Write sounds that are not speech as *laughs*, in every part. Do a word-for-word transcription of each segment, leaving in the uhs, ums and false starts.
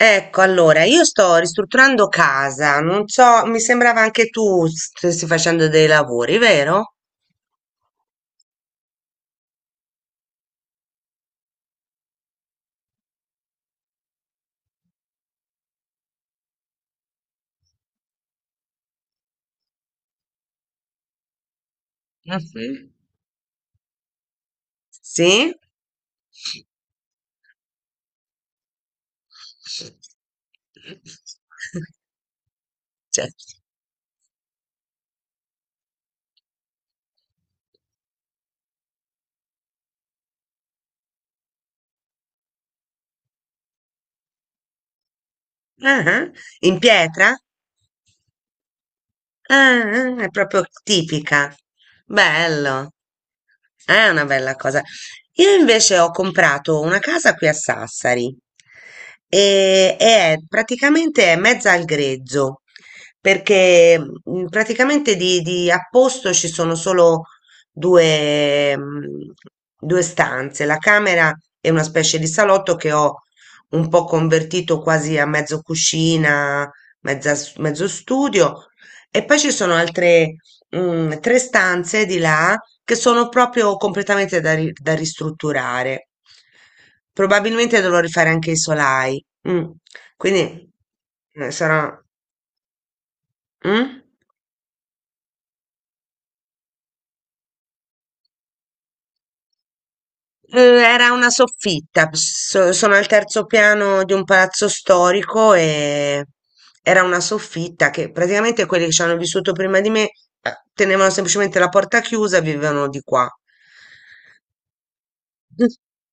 Ecco, allora, io sto ristrutturando casa, non so, mi sembrava anche tu stessi facendo dei lavori, vero? Ah, sì? Sì? *laughs* Cioè, ah, in pietra? Ah, ah, è proprio tipica. Bello. È una bella cosa. Io invece ho comprato una casa qui a Sassari e, e è praticamente è mezza al grezzo, perché mm, praticamente di, di apposto ci sono solo due, mm, due stanze, la camera è una specie di salotto che ho un po' convertito quasi a mezzo cucina, mezza s- mezzo studio e poi ci sono altre mm, tre stanze di là che sono proprio completamente da, ri- da ristrutturare. Probabilmente dovrò rifare anche i solai. Mm. Quindi eh, sarà. Mm? Eh, Era una soffitta. so- sono al terzo piano di un palazzo storico e era una soffitta che praticamente quelli che ci hanno vissuto prima di me eh, tenevano semplicemente la porta chiusa e vivevano di qua. *laughs*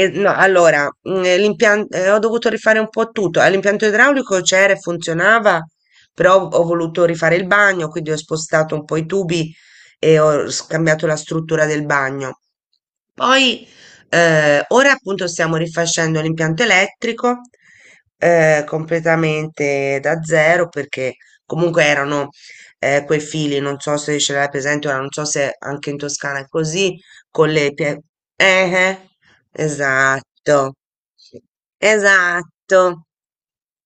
E no, allora, mm, l'impianto, eh, ho dovuto rifare un po' tutto. Eh, L'impianto idraulico c'era e funzionava, però ho ho voluto rifare il bagno, quindi ho spostato un po' i tubi e ho scambiato la struttura del bagno. Poi, eh, ora appunto stiamo rifacendo l'impianto elettrico, eh, completamente da zero, perché comunque erano, eh, quei fili, non so se ce l'hai presente, ora non so se anche in Toscana è così, con le pie- eh, eh. Esatto, esatto.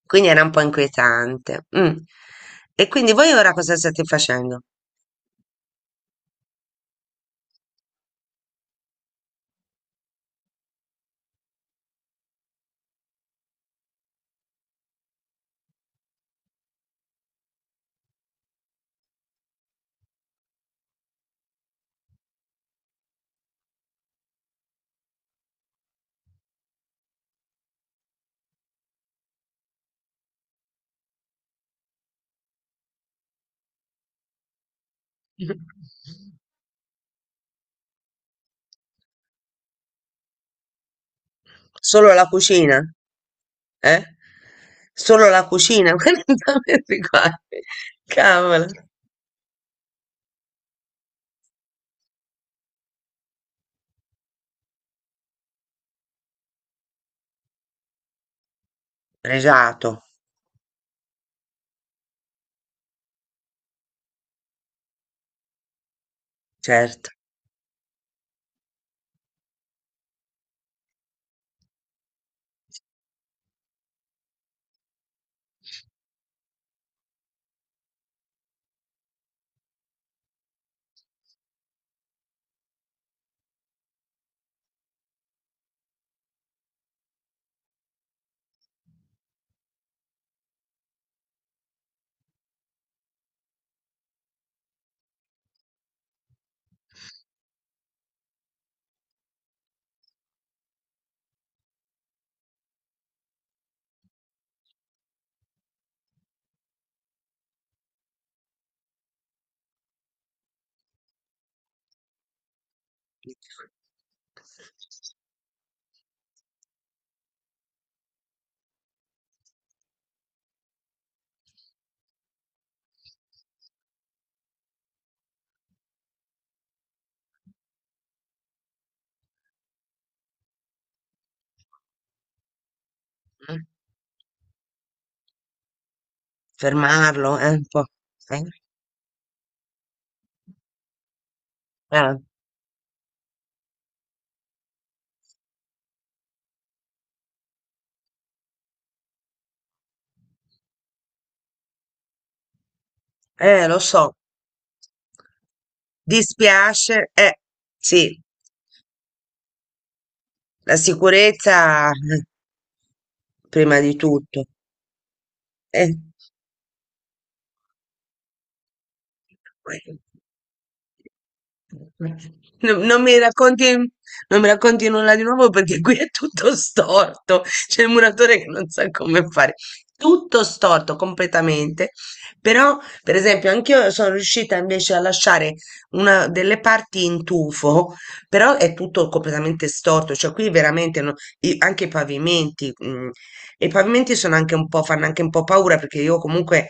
Quindi era un po' inquietante. Mm. E quindi voi ora cosa state facendo? Solo la cucina? Eh? Solo la cucina? *laughs* Guarda, metti qua. Cavolo. Pregiato, certo. Mm. Fermarlo è un po'. Eh, eh, eh, lo so. Dispiace. Eh, sì. La sicurezza mm, prima di tutto. E Non, non mi racconti, non mi racconti nulla di nuovo perché qui è tutto storto. C'è il muratore che non sa come fare. Tutto storto completamente. Però, per esempio, anch'io sono riuscita invece a lasciare una delle parti in tufo, però è tutto completamente storto. Cioè, qui veramente non- i- anche i pavimenti. mm, e i pavimenti sono anche un po', fanno anche un po' paura perché io comunque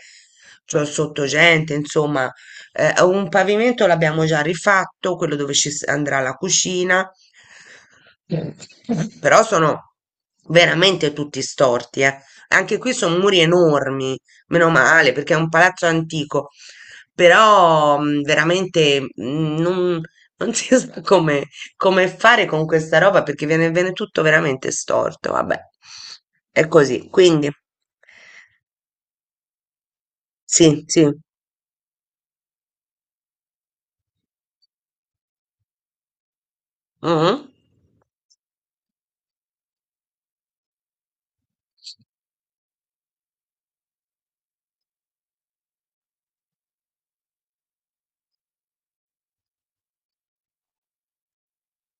c'ho sotto gente, insomma. Eh, un pavimento l'abbiamo già rifatto, quello dove ci s- andrà la cucina, però sono veramente tutti storti, eh. Anche qui sono muri enormi, meno male, perché è un palazzo antico, però mh, veramente mh, non, non si *laughs* sa come, come, fare con questa roba perché viene, viene tutto veramente storto, vabbè. È così, quindi sì, sì. Mhm.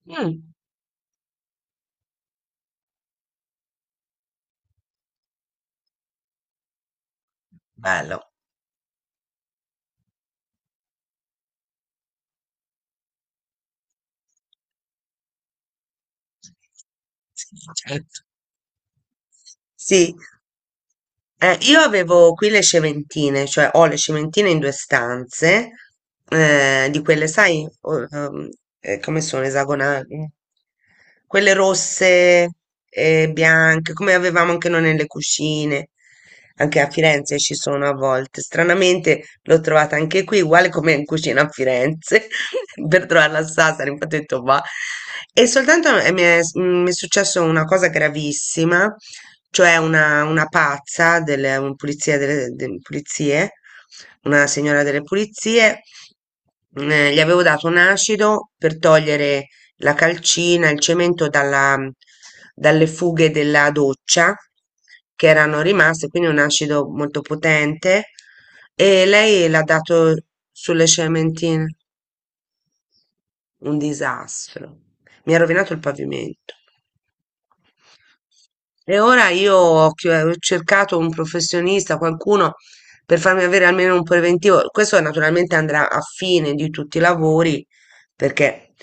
Mm. Bello. Sì, certo. Sì, eh, io avevo qui le cementine, cioè ho le cementine in due stanze, eh, di quelle, sai, o- ehm, eh, come sono esagonali? Quelle rosse e bianche, come avevamo anche noi nelle cucine, anche a Firenze ci sono a volte. Stranamente l'ho trovata anche qui, uguale come in cucina a Firenze, *laughs* per trovarla a Sassari, infatti ho detto va. E soltanto eh, mi è mi è successo una cosa gravissima, cioè una, una pazza delle un- pulizia delle, de- pulizie, una signora delle pulizie. Eh, gli avevo dato un acido per togliere la calcina, il cemento dalla, dalle fughe della doccia che erano rimaste, quindi un acido molto potente. E lei l'ha dato sulle cementine. Un disastro. Mi ha rovinato il pavimento. E ora io ho chi- ho cercato un professionista, qualcuno per farmi avere almeno un preventivo. Questo naturalmente andrà a fine di tutti i lavori, perché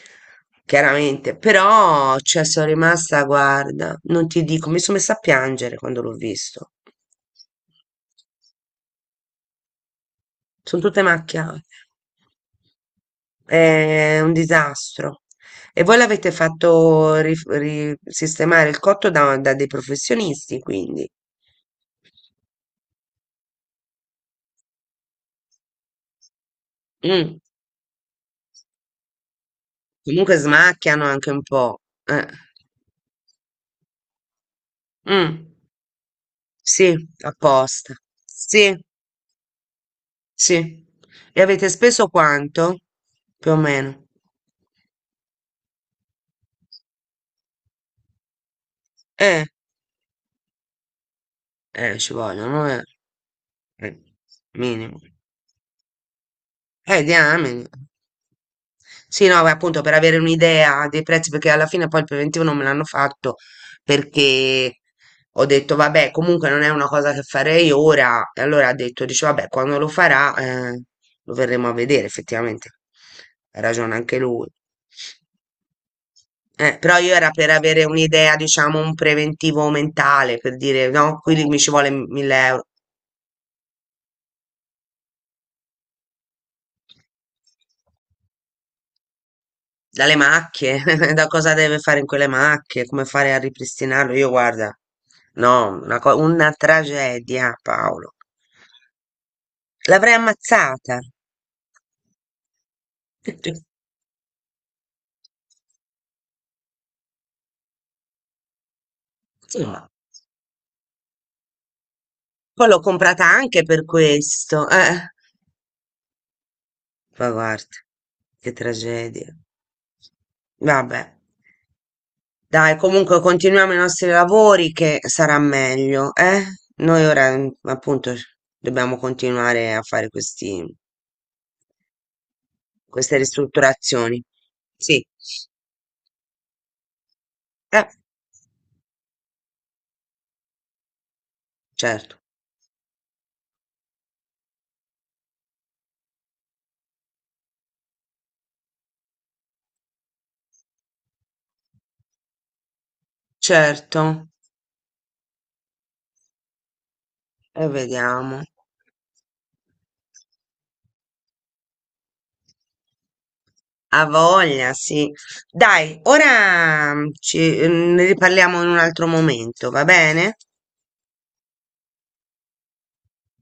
chiaramente, però cioè, sono rimasta, guarda, non ti dico, mi sono messa a piangere quando l'ho visto. Son tutte macchiate. È un disastro. E voi l'avete fatto rif- ri- sistemare il cotto da, da dei professionisti, quindi. Mm. Comunque smacchiano anche un po'. Eh. Mm. Sì, apposta. Sì, sì. E avete speso quanto? Più o meno. Eh, eh, ci vogliono, eh. Eh, Minimo. Eh, diamine. Sì, no, beh, appunto per avere un'idea dei prezzi, perché alla fine poi il preventivo non me l'hanno fatto perché ho detto, vabbè, comunque non è una cosa che farei ora. E allora ha detto, dice, vabbè, quando lo farà, eh, lo verremo a vedere, effettivamente. Ha ragione anche lui. Eh, però io era per avere un'idea, diciamo, un preventivo mentale, per dire, no, qui mi ci vuole mille euro. Dalle macchie, *laughs* da cosa deve fare in quelle macchie, come fare a ripristinarlo? Io guarda, no, una, co- una tragedia, Paolo. L'avrei ammazzata. *laughs* No. Poi l'ho comprata anche per questo. Eh, ma guarda, che tragedia. Vabbè, dai, comunque continuiamo i nostri lavori che sarà meglio, eh? Noi ora, mm, appunto, dobbiamo continuare a fare questi Queste ristrutturazioni. Sì, eh, certo, certo, e vediamo. Ha voglia, sì. Dai, ora mm, ci, mm, ne riparliamo in un altro momento, va bene?